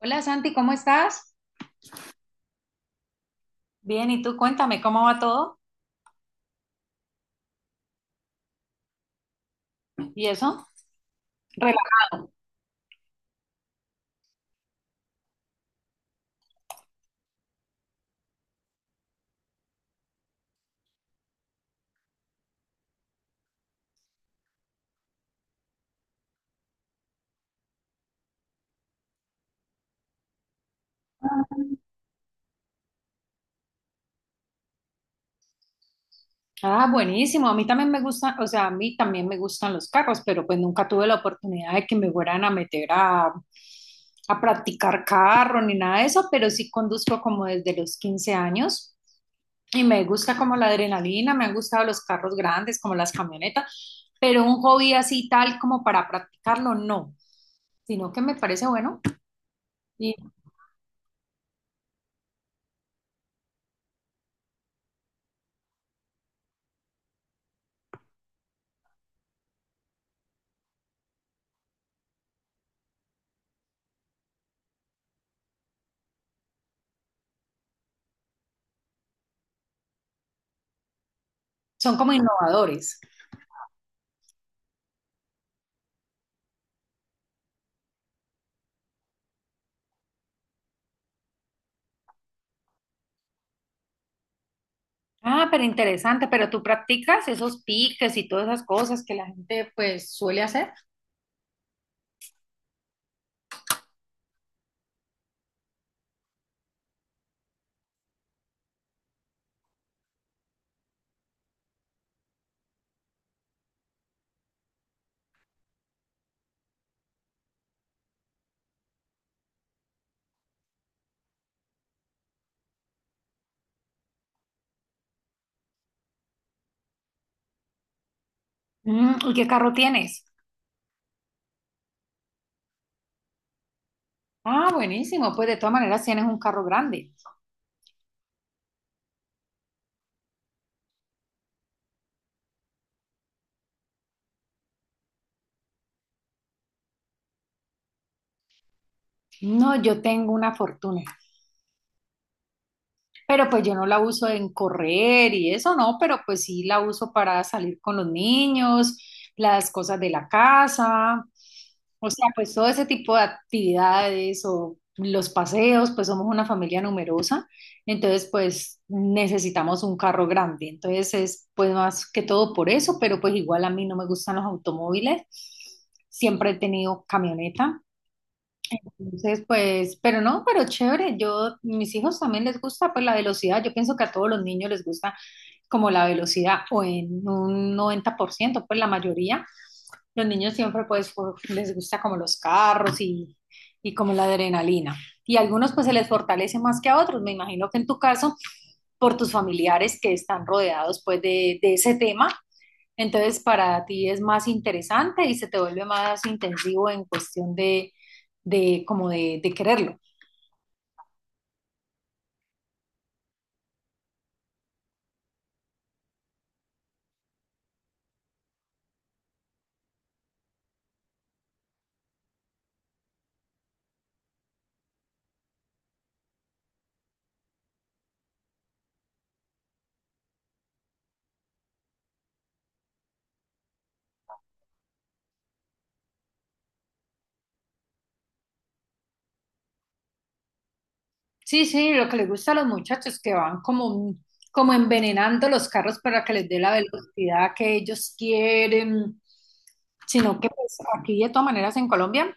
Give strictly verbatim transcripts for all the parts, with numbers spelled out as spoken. Hola Santi, ¿cómo estás? Bien, y tú cuéntame cómo va todo y eso. Rela- Ah, buenísimo. A mí también me gustan, o sea, a mí también me gustan los carros, pero pues nunca tuve la oportunidad de que me fueran a meter a, a practicar carro ni nada de eso, pero sí conduzco como desde los quince años y me gusta como la adrenalina, me han gustado los carros grandes, como las camionetas, pero un hobby así tal como para practicarlo, no, sino que me parece bueno y son como innovadores. Ah, pero interesante, pero tú practicas esos piques y todas esas cosas que la gente pues suele hacer. Mm, ¿y qué carro tienes? Ah, buenísimo, pues de todas maneras tienes un carro grande. No, yo tengo una fortuna, pero pues yo no la uso en correr y eso no, pero pues sí la uso para salir con los niños, las cosas de la casa. O sea, pues todo ese tipo de actividades o los paseos, pues somos una familia numerosa, entonces pues necesitamos un carro grande, entonces es pues más que todo por eso, pero pues igual a mí no me gustan los automóviles, siempre he tenido camioneta, entonces pues, pero no, pero chévere, yo, mis hijos también les gusta pues la velocidad, yo pienso que a todos los niños les gusta como la velocidad o en un noventa por ciento, pues la mayoría. Los niños siempre pues por- les gusta como los carros y, y como la adrenalina. Y a algunos pues se les fortalece más que a otros. Me imagino que en tu caso, por tus familiares que están rodeados pues de, de ese tema, entonces para ti es más interesante y se te vuelve más intensivo en cuestión de, de como de, de quererlo. Sí, sí, lo que les gusta a los muchachos que van como, como envenenando los carros para que les dé la velocidad que ellos quieren, sino que pues aquí de todas maneras en Colombia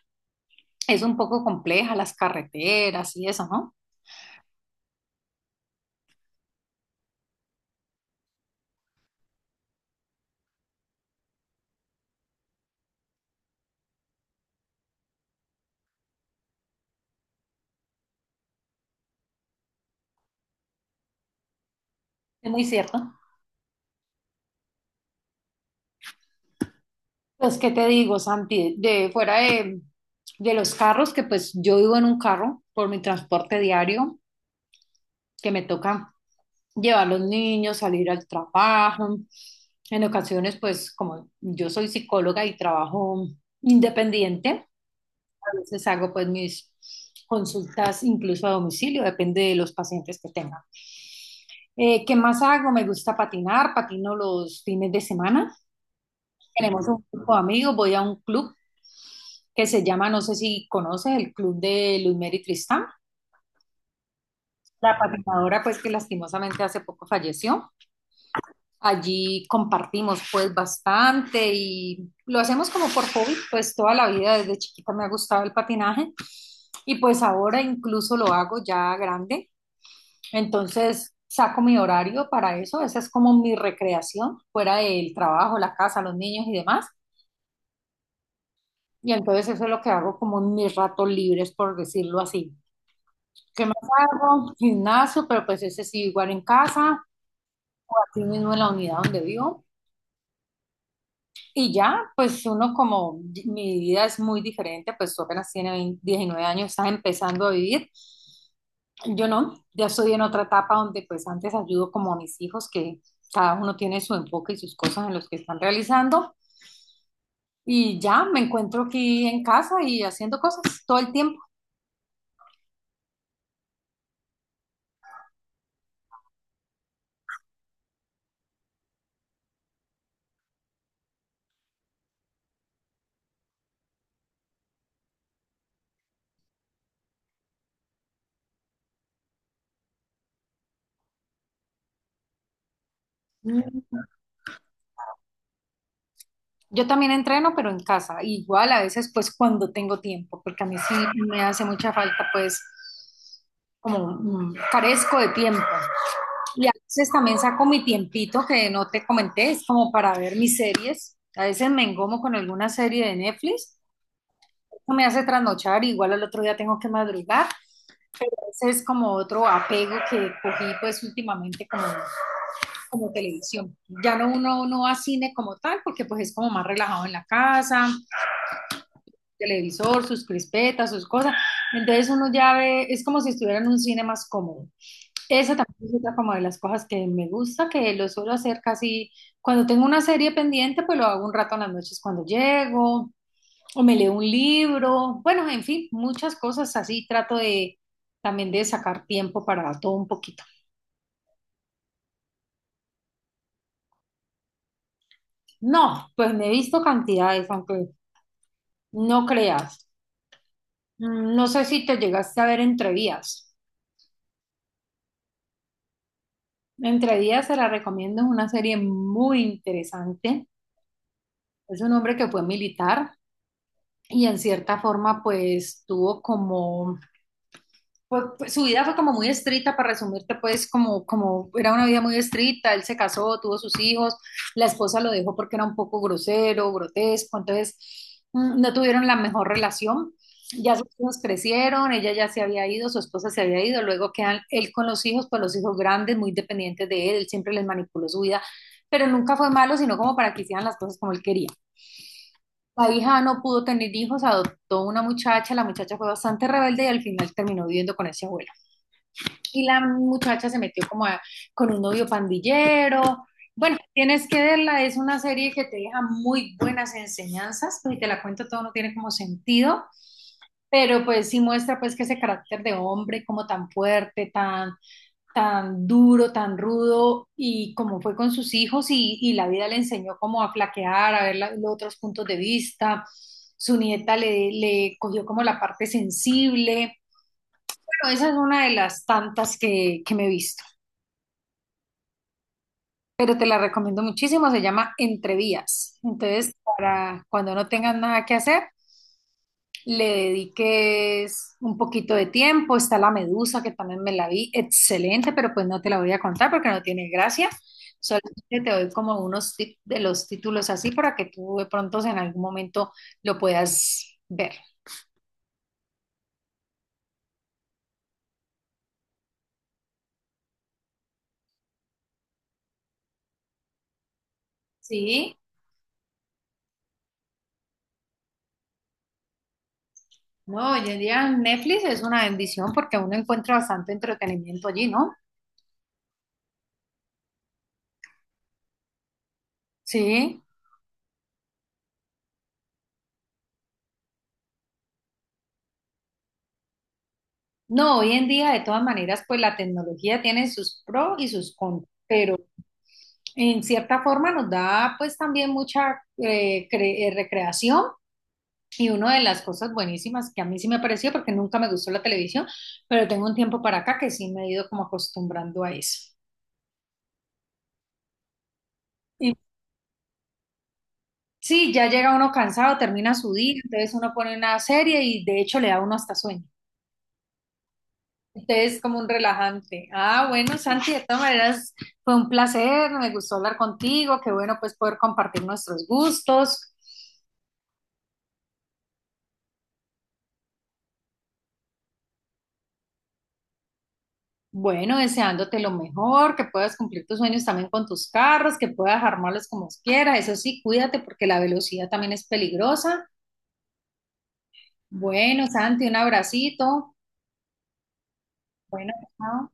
es un poco compleja las carreteras y eso, ¿no? Es muy cierto. Pues, ¿qué te digo, Santi? De fuera de, de los carros, que pues yo vivo en un carro por mi transporte diario, que me toca llevar a los niños, salir al trabajo. En ocasiones, pues como yo soy psicóloga y trabajo independiente, a veces hago pues mis consultas incluso a domicilio, depende de los pacientes que tenga. Eh, ¿qué más hago? Me gusta patinar, patino los fines de semana. Tenemos un grupo de amigos, voy a un club que se llama, no sé si conoces, el club de Luis Luzmeri Tristán, la patinadora pues que lastimosamente hace poco falleció. Allí compartimos pues bastante y lo hacemos como por hobby, pues toda la vida desde chiquita me ha gustado el patinaje y pues ahora incluso lo hago ya grande. Entonces saco mi horario para eso, esa es como mi recreación fuera del trabajo, la casa, los niños y demás. Y entonces eso es lo que hago como en mis ratos libres, por decirlo así. ¿Qué más hago? Gimnasio, pero pues ese sí igual en casa, aquí mismo en la unidad donde vivo. Y ya, pues uno como mi vida es muy diferente, pues tú apenas tienes veinte diecinueve años, estás empezando a vivir. Yo no, ya estoy en otra etapa donde pues antes ayudo como a mis hijos, que cada uno tiene su enfoque y sus cosas en los que están realizando. Y ya me encuentro aquí en casa y haciendo cosas todo el tiempo. Mm, yo también entreno, pero en casa. Igual a veces pues cuando tengo tiempo, porque a mí sí me hace mucha falta pues como mm, carezco de tiempo. Y a veces también saco mi tiempito que no te comenté, es como para ver mis series. A veces me engomo con alguna serie de Netflix, eso me hace trasnochar, igual al otro día tengo que madrugar. Ese es como otro apego que cogí pues últimamente como, como televisión. Ya no uno no va a cine como tal, porque pues es como más relajado en la casa, televisor, sus crispetas, sus cosas. Entonces uno ya ve, es como si estuviera en un cine más cómodo. Esa también es otra como de las cosas que me gusta, que lo suelo hacer casi cuando tengo una serie pendiente, pues lo hago un rato en las noches cuando llego, o me leo un libro, bueno, en fin, muchas cosas así trato de también de sacar tiempo para todo un poquito. No, pues me he visto cantidades, aunque no creas. Mm, no sé si te llegaste a ver Entre Vías. Entre Vías se la recomiendo, es una serie muy interesante. Es un hombre que fue militar y en cierta forma pues tuvo como, pues, pues, su vida fue como muy estricta, para resumirte pues como, como era una vida muy estricta, él se casó, tuvo sus hijos, la esposa lo dejó porque era un poco grosero, grotesco, entonces mm, no tuvieron la mejor relación. Ya sus hijos crecieron, ella ya se había ido, su esposa se había ido, luego quedan él con los hijos, pues los hijos grandes, muy dependientes de él, él siempre les manipuló su vida, pero nunca fue malo, sino como para que hicieran las cosas como él quería. La hija no pudo tener hijos, adoptó una muchacha, la muchacha fue bastante rebelde y al final terminó viviendo con ese abuelo. Y la muchacha se metió como a- con un novio pandillero. Bueno, tienes que verla, es una serie que te deja muy buenas enseñanzas, pues, y te la cuento todo, no tiene como sentido, pero pues sí muestra pues que ese carácter de hombre como tan fuerte, tan tan duro, tan rudo y como fue con sus hijos y, y la vida le enseñó como a flaquear, a ver la- los otros puntos de vista. Su nieta le, le cogió como la parte sensible. Bueno, esa es una de las tantas que, que me he visto, pero te la recomiendo muchísimo. Se llama Entre Vías. Entonces, para cuando no tengas nada que hacer, le dediques un poquito de tiempo. Está la medusa, que también me la vi, excelente, pero pues no te la voy a contar porque no tiene gracia. Solamente te doy como unos tips de los títulos así para que tú de pronto en algún momento lo puedas ver. Sí, no, hoy en día Netflix es una bendición porque uno encuentra bastante entretenimiento allí, ¿no? Sí. No, hoy en día de todas maneras pues la tecnología tiene sus pros y sus contras, pero en cierta forma nos da pues también mucha eh, cre- eh, recreación y una de las cosas buenísimas que a mí sí me pareció porque nunca me gustó la televisión, pero tengo un tiempo para acá que sí me he ido como acostumbrando a eso. Y sí, ya llega uno cansado, termina su día, entonces uno pone una serie y de hecho le da uno hasta sueño. Entonces es como un relajante. Ah, bueno, Santi, de todas maneras fue un placer, me gustó hablar contigo, qué bueno pues poder compartir nuestros gustos. Bueno, deseándote lo mejor, que puedas cumplir tus sueños también con tus carros, que puedas armarlos como quieras. Eso sí, cuídate porque la velocidad también es peligrosa. Bueno, Santi, un abracito. Bueno, chao.